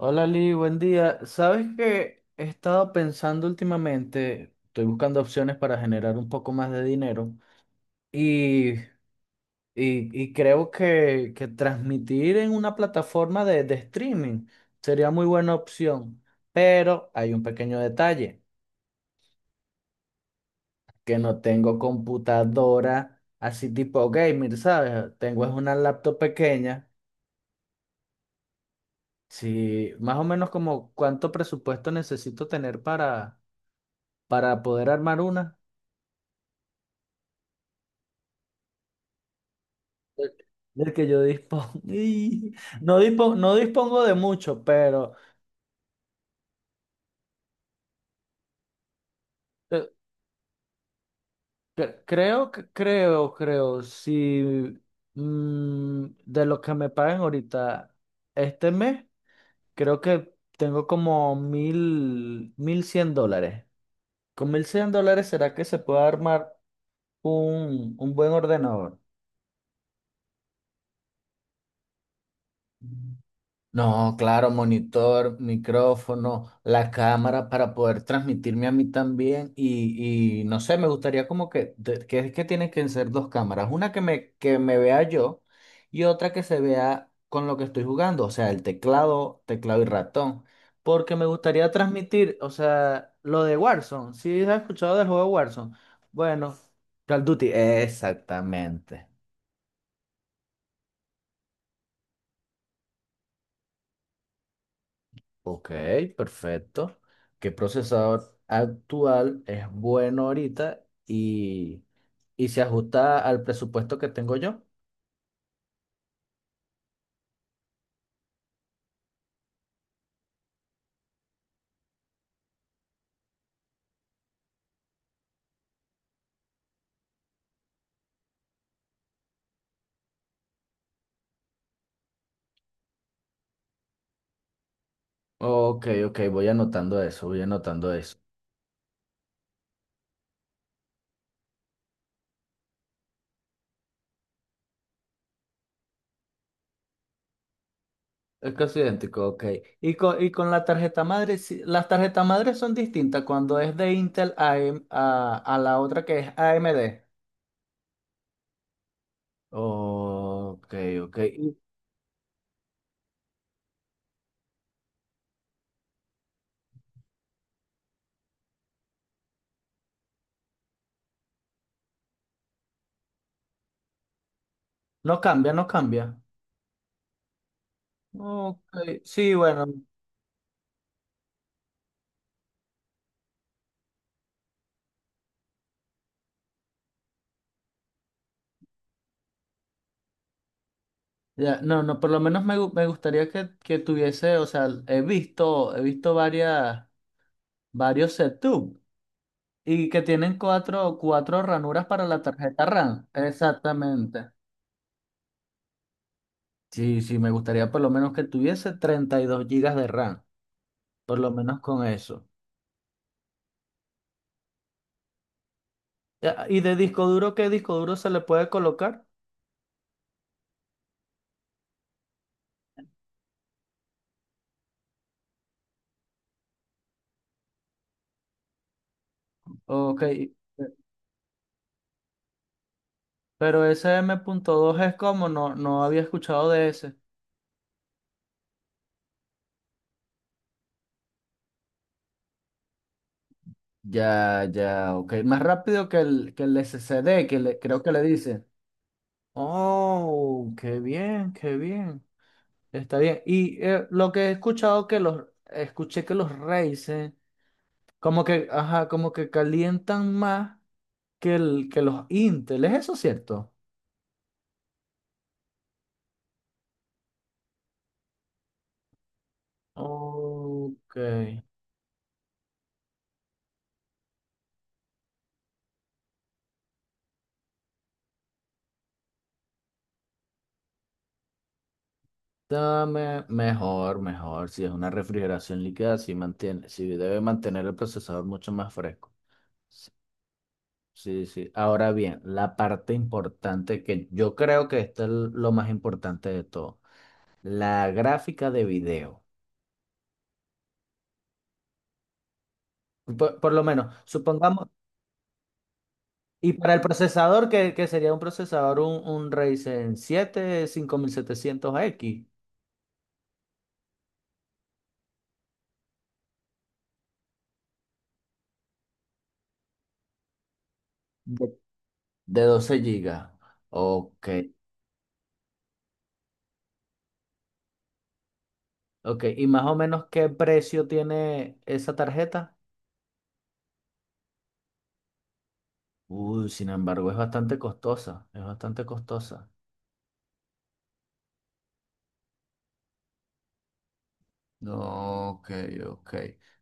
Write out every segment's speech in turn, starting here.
Hola Lee, buen día. ¿Sabes que he estado pensando últimamente? Estoy buscando opciones para generar un poco más de dinero y, y creo que transmitir en una plataforma de streaming sería muy buena opción, pero hay un pequeño detalle, que no tengo computadora así tipo gamer, ¿sabes? Tengo es una laptop pequeña. Sí, más o menos como cuánto presupuesto necesito tener para poder armar una. Del que yo dispongo. No dispongo, no dispongo de mucho, pero eh, creo, si de lo que me pagan ahorita este mes, creo que tengo como $1,100. Con $1,100, ¿será que se puede armar un buen ordenador? No, claro, monitor, micrófono, la cámara para poder transmitirme a mí también y no sé. Me gustaría como que, que es que tienen que ser dos cámaras, una que me vea yo y otra que se vea con lo que estoy jugando, o sea, el teclado y ratón, porque me gustaría transmitir, o sea, lo de Warzone. ¿Sí has escuchado del juego de Warzone? Bueno, Call of Duty, exactamente. Ok, perfecto. ¿Qué procesador actual es bueno ahorita y se ajusta al presupuesto que tengo yo? Ok, ok, voy anotando eso, voy anotando eso. Es casi idéntico, ok. Y con la tarjeta madre, sí, las tarjetas madres son distintas cuando es de Intel a, a la otra que es AMD. Ok, ok. Y no cambia, no cambia. Ok, sí, bueno. Ya, no, no, por lo menos me gustaría que tuviese, o sea, he visto varias, varios setup y que tienen cuatro ranuras para la tarjeta RAM. Exactamente. Sí, sí, me gustaría por lo menos que tuviese 32 GB de RAM, por lo menos con eso. Ya. ¿Y de disco duro, qué disco duro se le puede colocar? Ok, pero ese M.2 es como, no, no había escuchado de ese. Ya, ya, ok. Más rápido que el SSD, creo que le dice. Oh, qué bien, qué bien. Está bien. Lo que he escuchado que los escuché que los Ryzen como que, ajá, como que calientan más que los Intel. ¿Es eso cierto? Ok. Dame mejor, mejor. Si es una refrigeración líquida, sí mantiene, sí debe mantener el procesador mucho más fresco. Sí, sí, sí. Ahora bien, la parte importante, que yo creo que esto es lo más importante de todo, la gráfica de video. Por lo menos, supongamos, y para el procesador, que sería un procesador, un Ryzen 7 5700X de, de 12 GB. Ok, ok. ¿Y más o menos qué precio tiene esa tarjeta? Uy, sin embargo, es bastante costosa, es bastante costosa. No, ok, ok.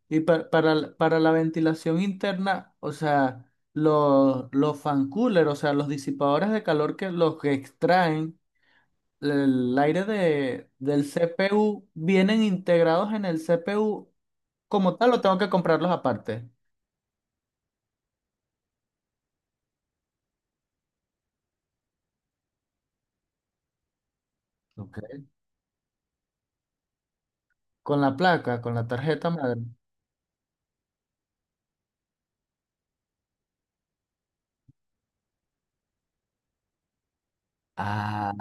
Y para la ventilación interna, o sea, los fan cooler, o sea, los disipadores de calor, que los que extraen el aire del CPU, ¿vienen integrados en el CPU como tal o tengo que comprarlos aparte? Ok. Con la placa, con la tarjeta madre. Ah,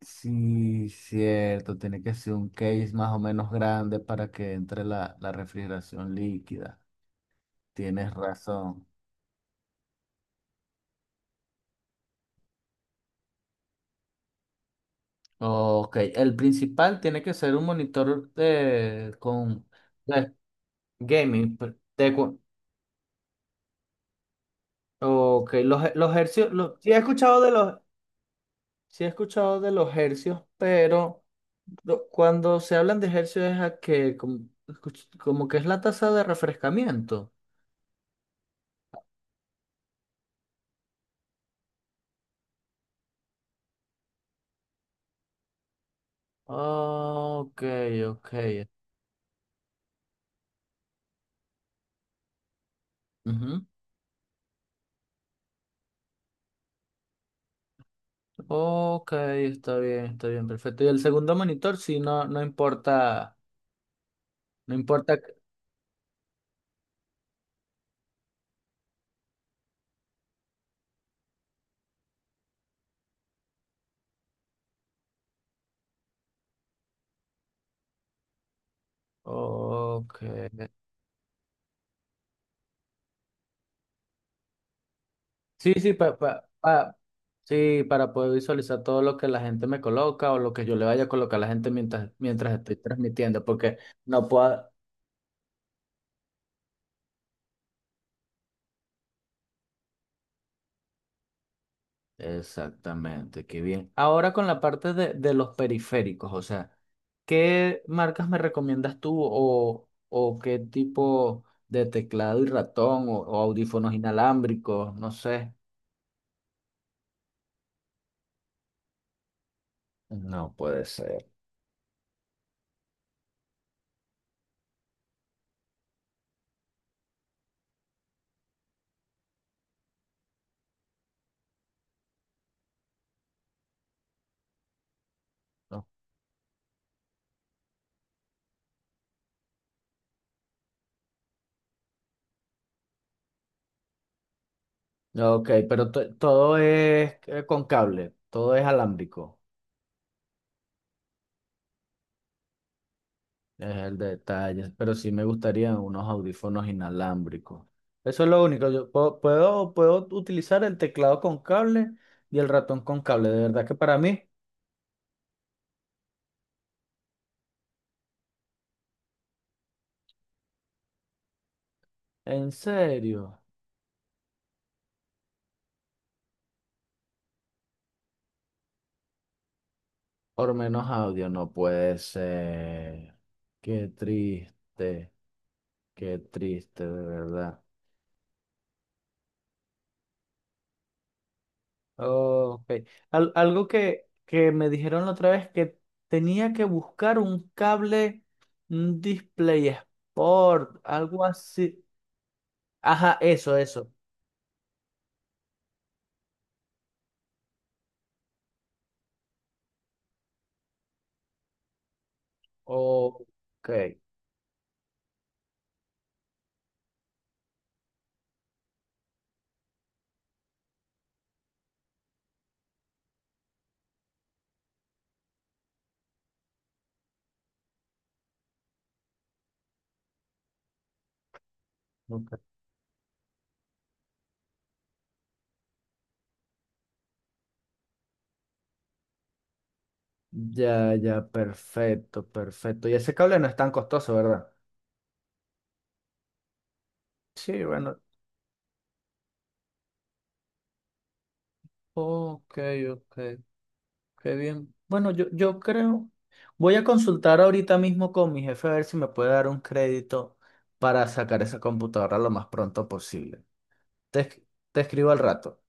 sí, cierto. Tiene que ser un case más o menos grande para que entre la refrigeración líquida. Tienes razón. Ok, el principal tiene que ser un monitor de gaming. Ok, los hercios, los, sí he escuchado de los, sí he escuchado de los hercios, pero cuando se hablan de hercios es a que como, como que es la tasa de refrescamiento. Ok, ok. Ujú. Ok, está bien, perfecto. Y el segundo monitor, sí, no, no importa, no importa. Ok. Sí, sí, sí, para poder visualizar todo lo que la gente me coloca o lo que yo le vaya a colocar a la gente mientras, estoy transmitiendo, porque no puedo... Exactamente, qué bien. Ahora con la parte de los periféricos, o sea, ¿qué marcas me recomiendas tú o qué tipo de teclado y ratón o audífonos inalámbricos? No sé. No puede ser. Ok, pero todo es con cable, todo es alámbrico, es el detalle, pero sí me gustaría unos audífonos inalámbricos. Eso es lo único, yo puedo utilizar el teclado con cable y el ratón con cable, de verdad que para mí, en serio, por menos audio no puede ser. Qué triste, qué triste, de verdad. Ok. Algo que me dijeron la otra vez, que tenía que buscar un cable, un display sport, algo así. Ajá, eso, eso. Ok, ok. Ya, ya, perfecto, perfecto. Y ese cable no es tan costoso, ¿verdad? Sí, bueno. Ok, ok. Qué bien. Bueno, yo creo. Voy a consultar ahorita mismo con mi jefe a ver si me puede dar un crédito para sacar esa computadora lo más pronto posible. Te, es- te escribo al rato.